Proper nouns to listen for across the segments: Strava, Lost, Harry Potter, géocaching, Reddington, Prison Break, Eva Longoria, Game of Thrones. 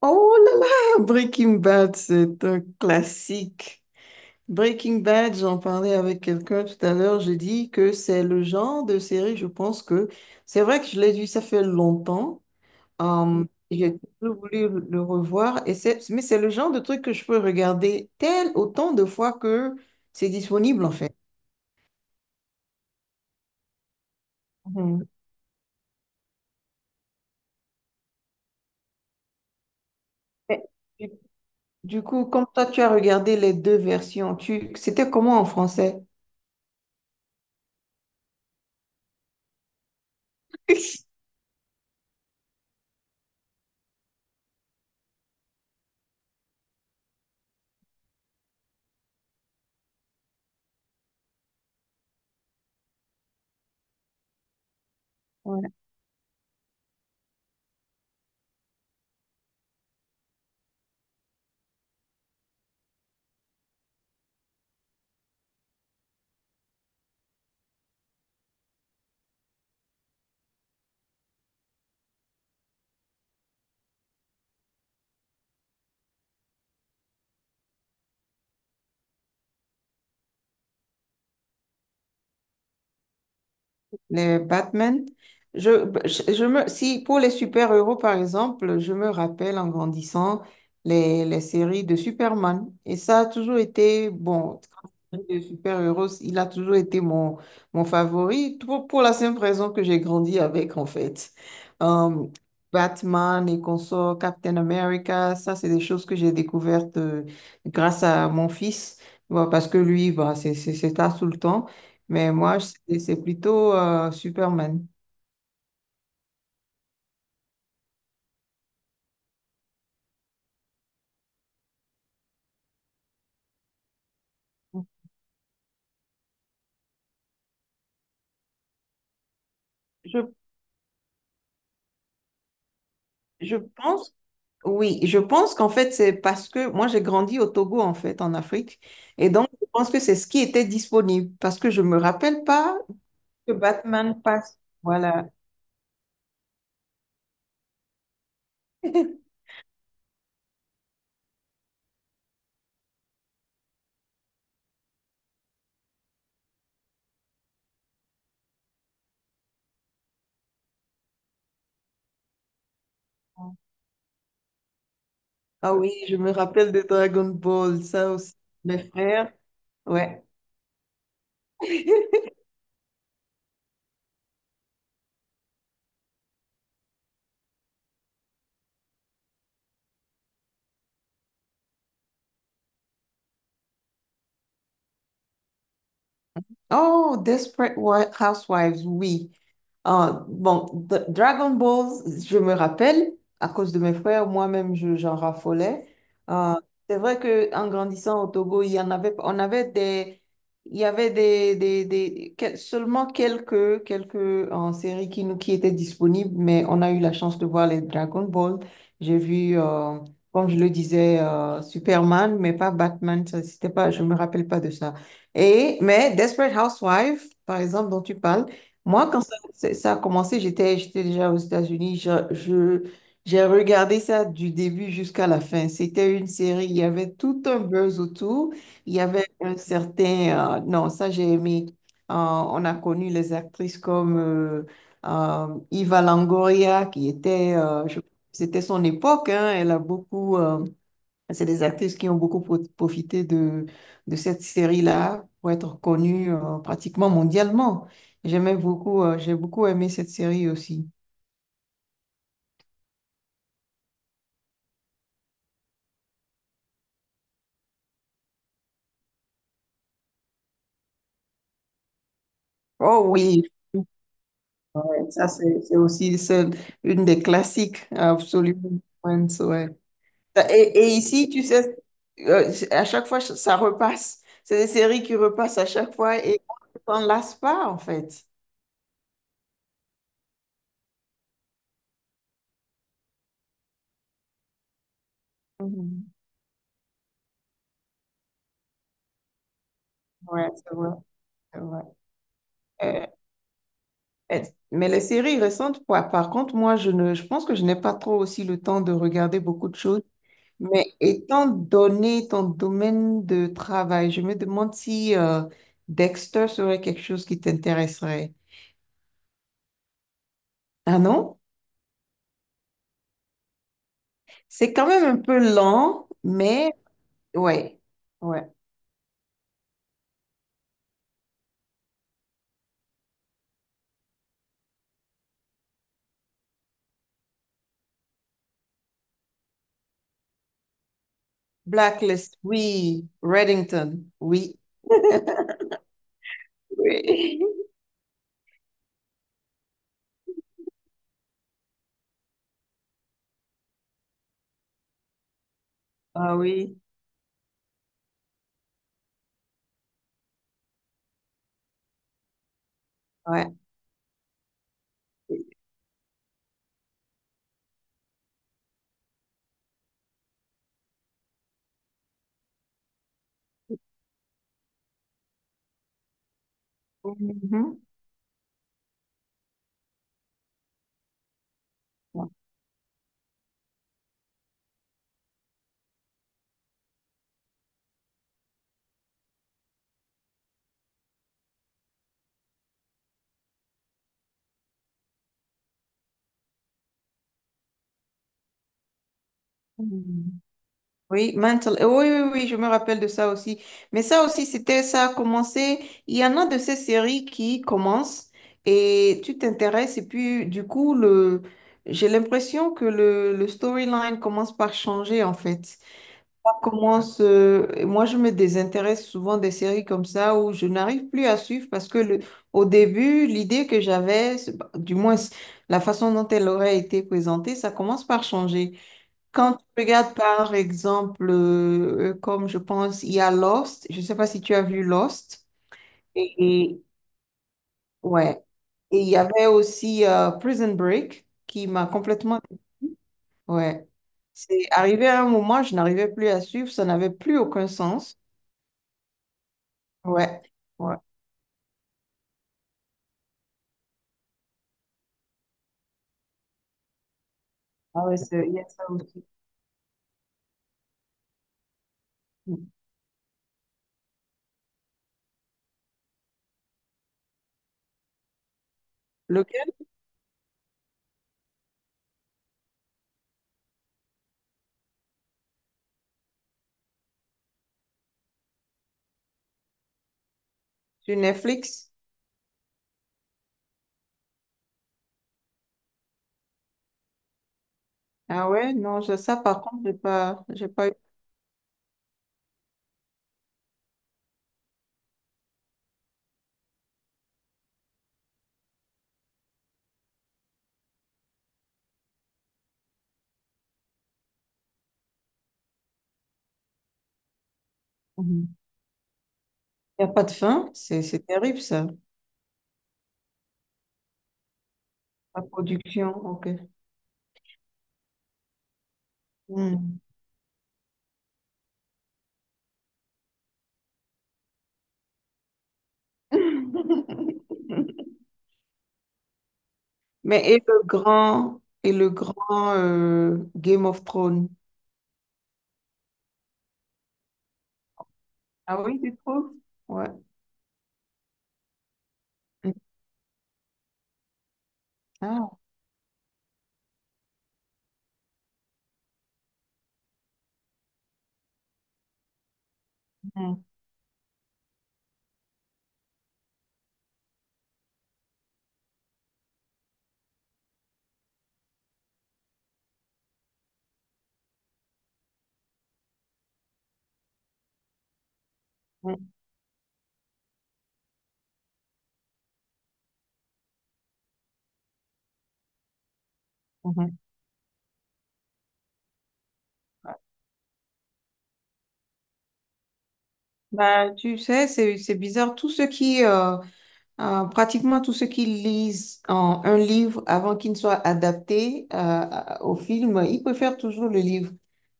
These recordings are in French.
Oh là là, Breaking Bad, c'est un classique. Breaking Bad, j'en parlais avec quelqu'un tout à l'heure, j'ai dit que c'est le genre de série, je pense que c'est vrai que je l'ai vu, ça fait longtemps. Mm. J'ai toujours voulu le revoir, mais c'est le genre de truc que je peux regarder tel autant de fois que c'est disponible en fait. Mhm. Mais Du du coup, comme toi, tu as regardé les deux versions, c'était comment en français? Les Batman. Si pour les super-héros, par exemple, je me rappelle en grandissant les séries de Superman. Et ça a toujours été, bon, les super-héros, il a toujours été mon favori pour la simple raison que j'ai grandi avec, en fait. Euh, Batman et consorts, Captain America, ça, c'est des choses que j'ai découvertes grâce à mon fils. Bah, parce que lui, bah, c'est ça tout le temps. Mais moi, c'est plutôt Superman. Je, je pense. Oui, je pense qu'en fait, c'est parce que moi, j'ai grandi au Togo, en fait, en Afrique. Et donc, je pense que c'est ce qui était disponible parce que je me rappelle pas que Batman passe. Voilà. Ah oui, je me rappelle de Dragon Ball, ça aussi, mes frères. Ouais. Oh, Housewives, oui. Ah, bon, Dragon Ball, je me rappelle, à cause de mes frères, moi-même, j'en raffolais. Ah, c'est vrai qu'en grandissant au Togo, il y en avait, on avait des, il y avait des, seulement quelques séries qui étaient disponibles, mais on a eu la chance de voir les Dragon Ball. J'ai vu, euh, Comme je le disais, Superman, mais pas Batman, ça, c'était pas, je me rappelle pas de ça. Mais Desperate Housewives, par exemple, dont tu parles, moi, ça a commencé, j'étais déjà aux États-Unis. J'ai regardé ça du début jusqu'à la fin. C'était une série, il y avait tout un buzz autour. Il y avait un certain... non, ça j'ai aimé. On a connu les actrices comme Eva Longoria, qui était... c'était son époque, hein, elle a beaucoup... C'est des actrices qui ont beaucoup profité de cette série-là pour être connues pratiquement mondialement. J'aimais beaucoup, j'ai beaucoup aimé cette série aussi. Oh oui, ça c'est aussi celle, une des classiques, absolument. Friends, ouais. Et, et ici, tu sais, à chaque fois, ça repasse. C'est des séries qui repassent à chaque fois et on ne s'en lasse pas, en fait. Mhm. Ouais, c'est vrai, c'est vrai. Euh, Eh, Mais les séries récentes, par, par contre, moi, je pense que je n'ai pas trop aussi le temps de regarder beaucoup de choses. Mais étant donné ton domaine de travail, je me demande si Dexter serait quelque chose qui t'intéresserait. Ah non? C'est quand même un peu lent, mais ouais, ouais. Blacklist, oui. Reddington, oui. Oui. Ah oui, ouais. Mhm. Oui, mental. Oui, oui, oui, je me rappelle de ça aussi. Mais ça aussi, c'était ça a commencé. Il y en a de ces séries qui commencent et tu t'intéresses et puis du coup, j'ai l'impression que le storyline commence par changer en fait. Ça commence, et moi, je me désintéresse souvent des séries comme ça où je n'arrive plus à suivre parce que le, au début, l'idée que j'avais, bah, du moins la façon dont elle aurait été présentée, ça commence par changer. Quand tu regardes par exemple, comme je pense, il y a Lost, je ne sais pas si tu as vu Lost, et, et- ouais, et il y avait aussi Prison Break qui m'a complètement... Ouais, c'est arrivé à un moment, je n'arrivais plus à suivre, ça n'avait plus aucun sens. Ouais, ouais, ah ouais, il y a ça aussi. Lequel? Sur Netflix? Ah ouais, non, ça par contre, j'ai pas eu. Mhm. Il n'y a pas de fin, c'est terrible ça, la production, ok. Hmm. Mais et le grand Game of Thrones. Ah oui, tu trouves? Ouais. Ah, mhm, mhm, mhm. Bah, tu sais, c'est bizarre. Pratiquement tous ceux qui lisent en un livre avant qu'il ne soit adapté au film, ils préfèrent toujours le livre.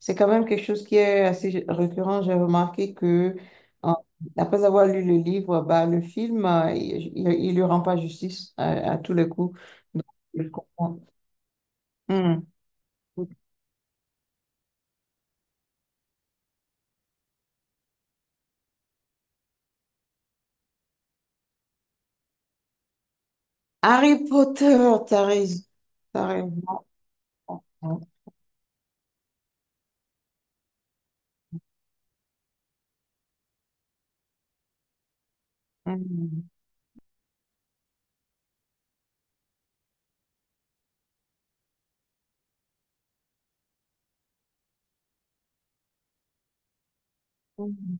C'est quand même quelque chose qui est assez récurrent. J'ai remarqué que euh, après avoir lu le livre, bah, le film, il ne lui rend pas justice à tous les coups. Donc, je comprends. Hmm. Harry Potter, t'as raison. T'as raison. Hmm. Hmm.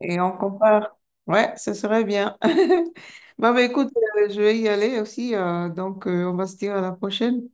Et on compare. Ouais, ce serait bien. Bon, bah, écoute, je vais y aller aussi. Donc, on va se dire à la prochaine.